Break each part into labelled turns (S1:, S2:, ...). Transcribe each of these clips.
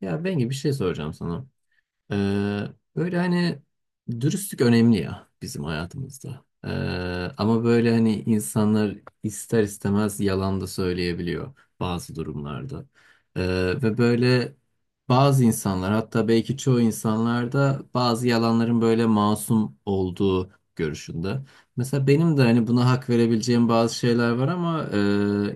S1: Ya Bengi bir şey soracağım sana. Ee, böyle hani dürüstlük önemli ya bizim hayatımızda. Ama böyle hani insanlar ister istemez yalan da söyleyebiliyor bazı durumlarda. Ve böyle bazı insanlar hatta belki çoğu insanlar da bazı yalanların böyle masum olduğu görüşünde. Mesela benim de hani buna hak verebileceğim bazı şeyler var ama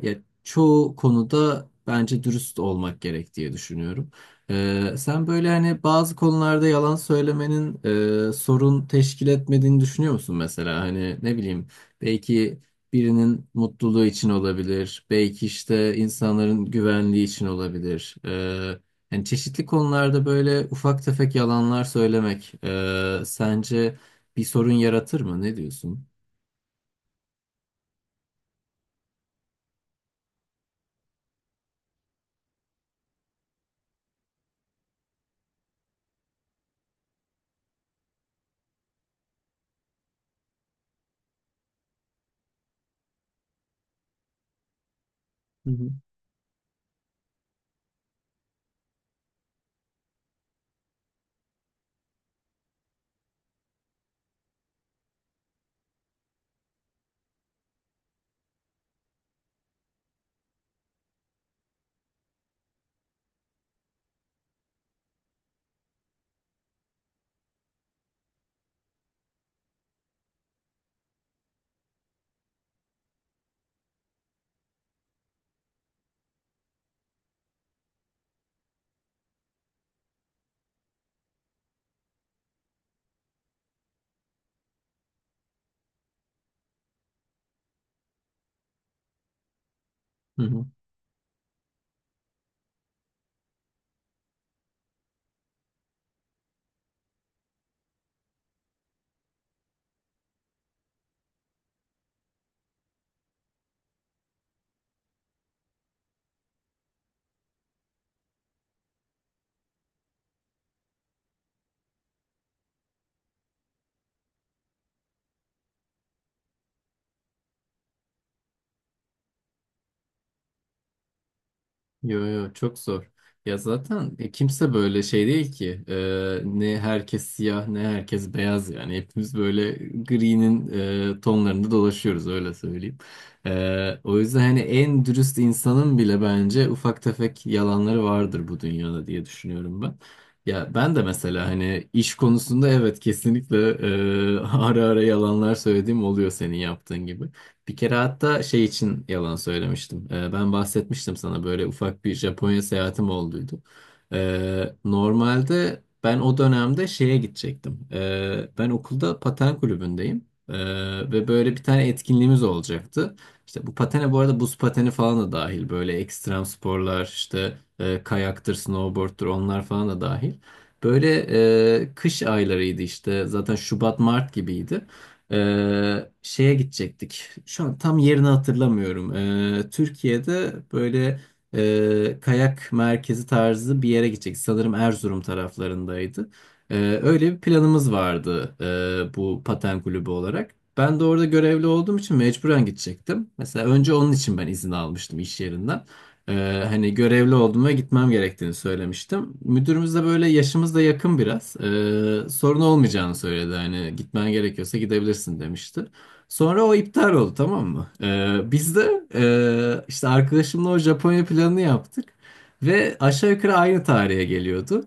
S1: ya çoğu konuda bence dürüst olmak gerek diye düşünüyorum. Sen böyle hani bazı konularda yalan söylemenin sorun teşkil etmediğini düşünüyor musun mesela? Hani ne bileyim belki birinin mutluluğu için olabilir, belki işte insanların güvenliği için olabilir. Yani çeşitli konularda böyle ufak tefek yalanlar söylemek sence bir sorun yaratır mı? Ne diyorsun? Hı hı. Yo yo çok zor. Ya zaten kimse böyle şey değil ki. Ne herkes siyah ne herkes beyaz yani. Hepimiz böyle gri'nin tonlarında dolaşıyoruz öyle söyleyeyim. O yüzden hani en dürüst insanın bile bence ufak tefek yalanları vardır bu dünyada diye düşünüyorum ben. Ya ben de mesela hani iş konusunda evet kesinlikle ara ara yalanlar söylediğim oluyor senin yaptığın gibi. Bir kere hatta şey için yalan söylemiştim. Ben bahsetmiştim sana böyle ufak bir Japonya seyahatim olduydu. Normalde ben o dönemde şeye gidecektim. Ben okulda paten kulübündeyim. Ve böyle bir tane etkinliğimiz olacaktı. İşte bu patene bu arada buz pateni falan da dahil. Böyle ekstrem sporlar işte kayaktır, snowboard'tur onlar falan da dahil. Böyle kış aylarıydı işte zaten Şubat Mart gibiydi. Şeye gidecektik. Şu an tam yerini hatırlamıyorum. Türkiye'de böyle kayak merkezi tarzı bir yere gidecektik. Sanırım Erzurum taraflarındaydı. Öyle bir planımız vardı bu paten kulübü olarak. Ben de orada görevli olduğum için mecburen gidecektim. Mesela önce onun için ben izin almıştım iş yerinden. Hani görevli oldum ve gitmem gerektiğini söylemiştim. Müdürümüz de böyle yaşımız da yakın biraz. Sorun olmayacağını söyledi. Hani gitmen gerekiyorsa gidebilirsin demişti. Sonra o iptal oldu, tamam mı? Biz de işte arkadaşımla o Japonya planını yaptık. Ve aşağı yukarı aynı tarihe geliyordu.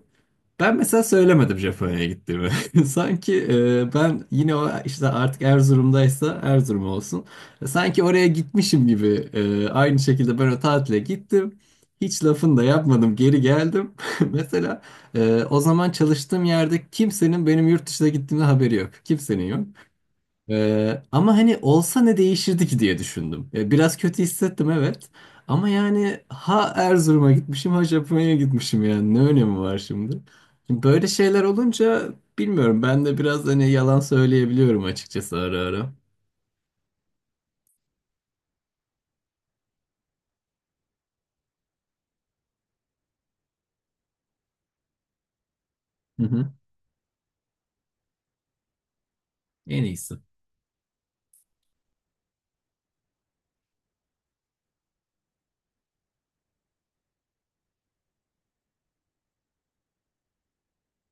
S1: Ben mesela söylemedim Japonya'ya gittiğimi. Sanki ben yine o işte artık Erzurum'daysa Erzurum olsun. Sanki oraya gitmişim gibi aynı şekilde ben o tatile gittim. Hiç lafını da yapmadım, geri geldim. Mesela o zaman çalıştığım yerde kimsenin benim yurt dışına gittiğimde haberi yok. Kimsenin yok. Ama hani olsa ne değişirdi ki diye düşündüm. Ya biraz kötü hissettim, evet. Ama yani ha Erzurum'a gitmişim ha Japonya'ya gitmişim, yani ne önemi var şimdi? Şimdi böyle şeyler olunca bilmiyorum ben de biraz hani yalan söyleyebiliyorum açıkçası ara ara. Hı hı. En iyisi.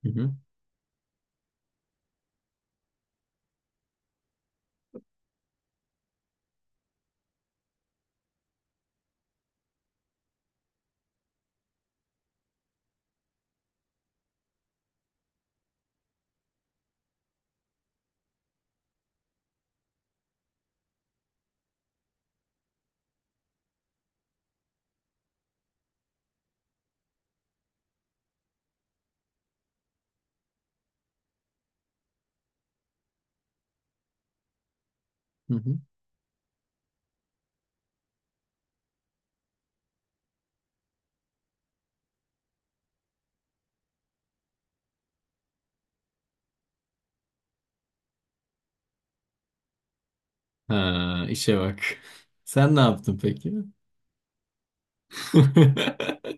S1: Hı hı. Hı hı. Ha, işe bak. Sen ne yaptın peki?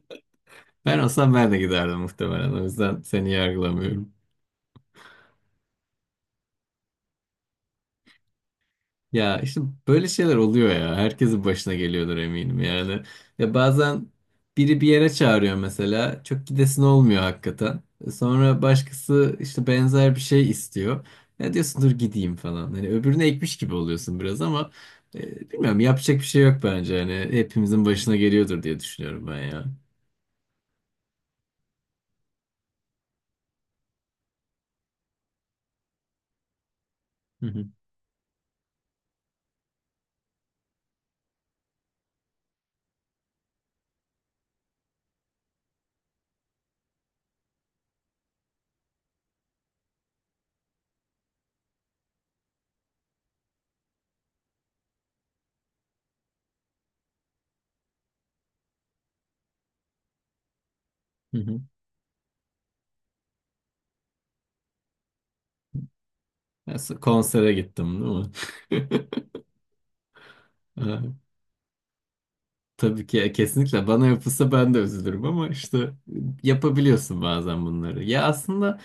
S1: Ben olsam ben de giderdim muhtemelen. O yüzden seni yargılamıyorum. Ya işte böyle şeyler oluyor ya. Herkesin başına geliyordur eminim yani. Ya bazen biri bir yere çağırıyor mesela. Çok gidesin olmuyor hakikaten. Sonra başkası işte benzer bir şey istiyor. Ya diyorsun dur gideyim falan. Hani öbürüne ekmiş gibi oluyorsun biraz ama bilmiyorum yapacak bir şey yok bence. Hani hepimizin başına geliyordur diye düşünüyorum ben ya. Hı hı, hı hı. Ya, konsere gittim değil mi? Tabii ki kesinlikle bana yapılsa ben de üzülürüm ama işte yapabiliyorsun bazen bunları. Ya aslında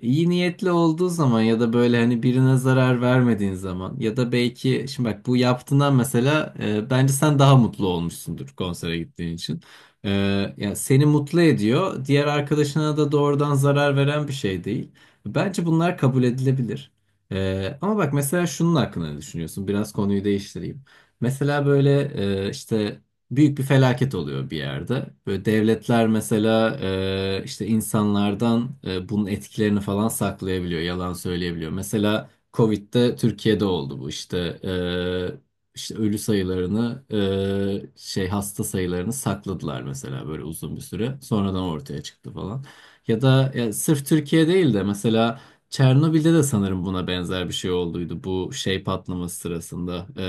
S1: iyi niyetli olduğu zaman ya da böyle hani birine zarar vermediğin zaman ya da belki şimdi bak bu yaptığından mesela bence sen daha mutlu olmuşsundur konsere gittiğin için. E, yani seni mutlu ediyor. Diğer arkadaşına da doğrudan zarar veren bir şey değil. Bence bunlar kabul edilebilir. E, ama bak mesela şunun hakkında ne düşünüyorsun? Biraz konuyu değiştireyim. Mesela böyle e, işte büyük bir felaket oluyor bir yerde. Böyle devletler mesela işte insanlardan bunun etkilerini falan saklayabiliyor, yalan söyleyebiliyor. Mesela Covid'de Türkiye'de oldu bu işte e, işte ölü sayılarını şey hasta sayılarını sakladılar mesela böyle uzun bir süre. Sonradan ortaya çıktı falan. Ya da ya sırf Türkiye değil de mesela Çernobil'de de sanırım buna benzer bir şey olduydu. Bu şey patlaması sırasında,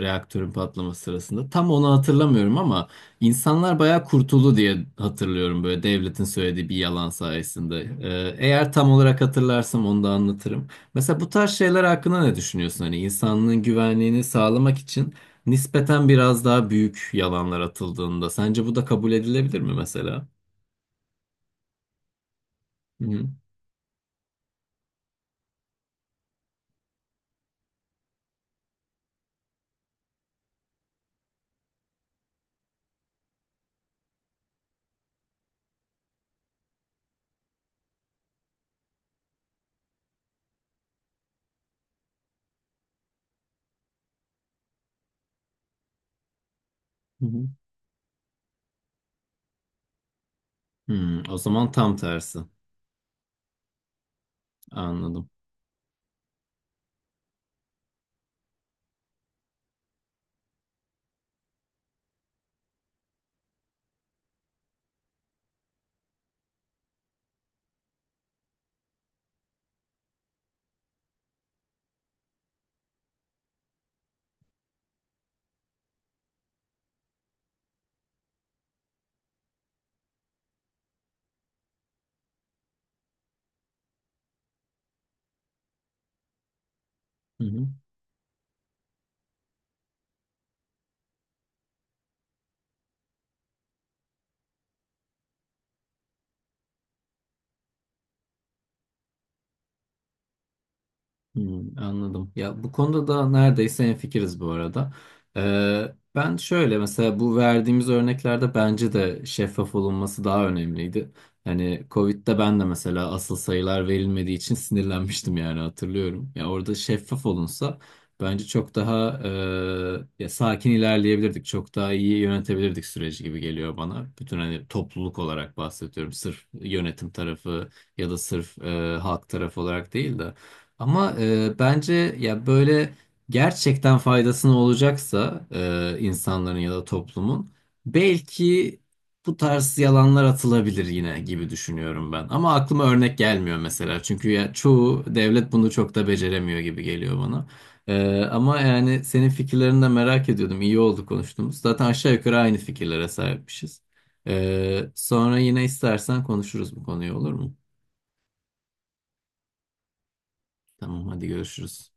S1: reaktörün patlaması sırasında. Tam onu hatırlamıyorum ama insanlar bayağı kurtuldu diye hatırlıyorum böyle devletin söylediği bir yalan sayesinde. E, eğer tam olarak hatırlarsam onu da anlatırım. Mesela bu tarz şeyler hakkında ne düşünüyorsun? Hani insanlığın güvenliğini sağlamak için nispeten biraz daha büyük yalanlar atıldığında sence bu da kabul edilebilir mi mesela? Hı hı. Hı hı. Hmm, o zaman tam tersi. Anladım. Hı hı. Hmm, anladım. Ya bu konuda da neredeyse hemfikiriz bu arada. Ben şöyle mesela bu verdiğimiz örneklerde bence de şeffaf olunması daha önemliydi. Hani Covid'de ben de mesela asıl sayılar verilmediği için sinirlenmiştim yani hatırlıyorum. Ya orada şeffaf olunsa bence çok daha ya sakin ilerleyebilirdik. Çok daha iyi yönetebilirdik süreci gibi geliyor bana. Bütün hani topluluk olarak bahsediyorum. Sırf yönetim tarafı ya da sırf halk tarafı olarak değil de. Ama bence ya böyle gerçekten faydasını olacaksa insanların ya da toplumun belki bu tarz yalanlar atılabilir yine gibi düşünüyorum ben. Ama aklıma örnek gelmiyor mesela. Çünkü ya çoğu devlet bunu çok da beceremiyor gibi geliyor bana. E, ama yani senin fikirlerini de merak ediyordum. İyi oldu konuştuğumuz. Zaten aşağı yukarı aynı fikirlere sahipmişiz. E, sonra yine istersen konuşuruz bu konuyu, olur mu? Tamam, hadi görüşürüz.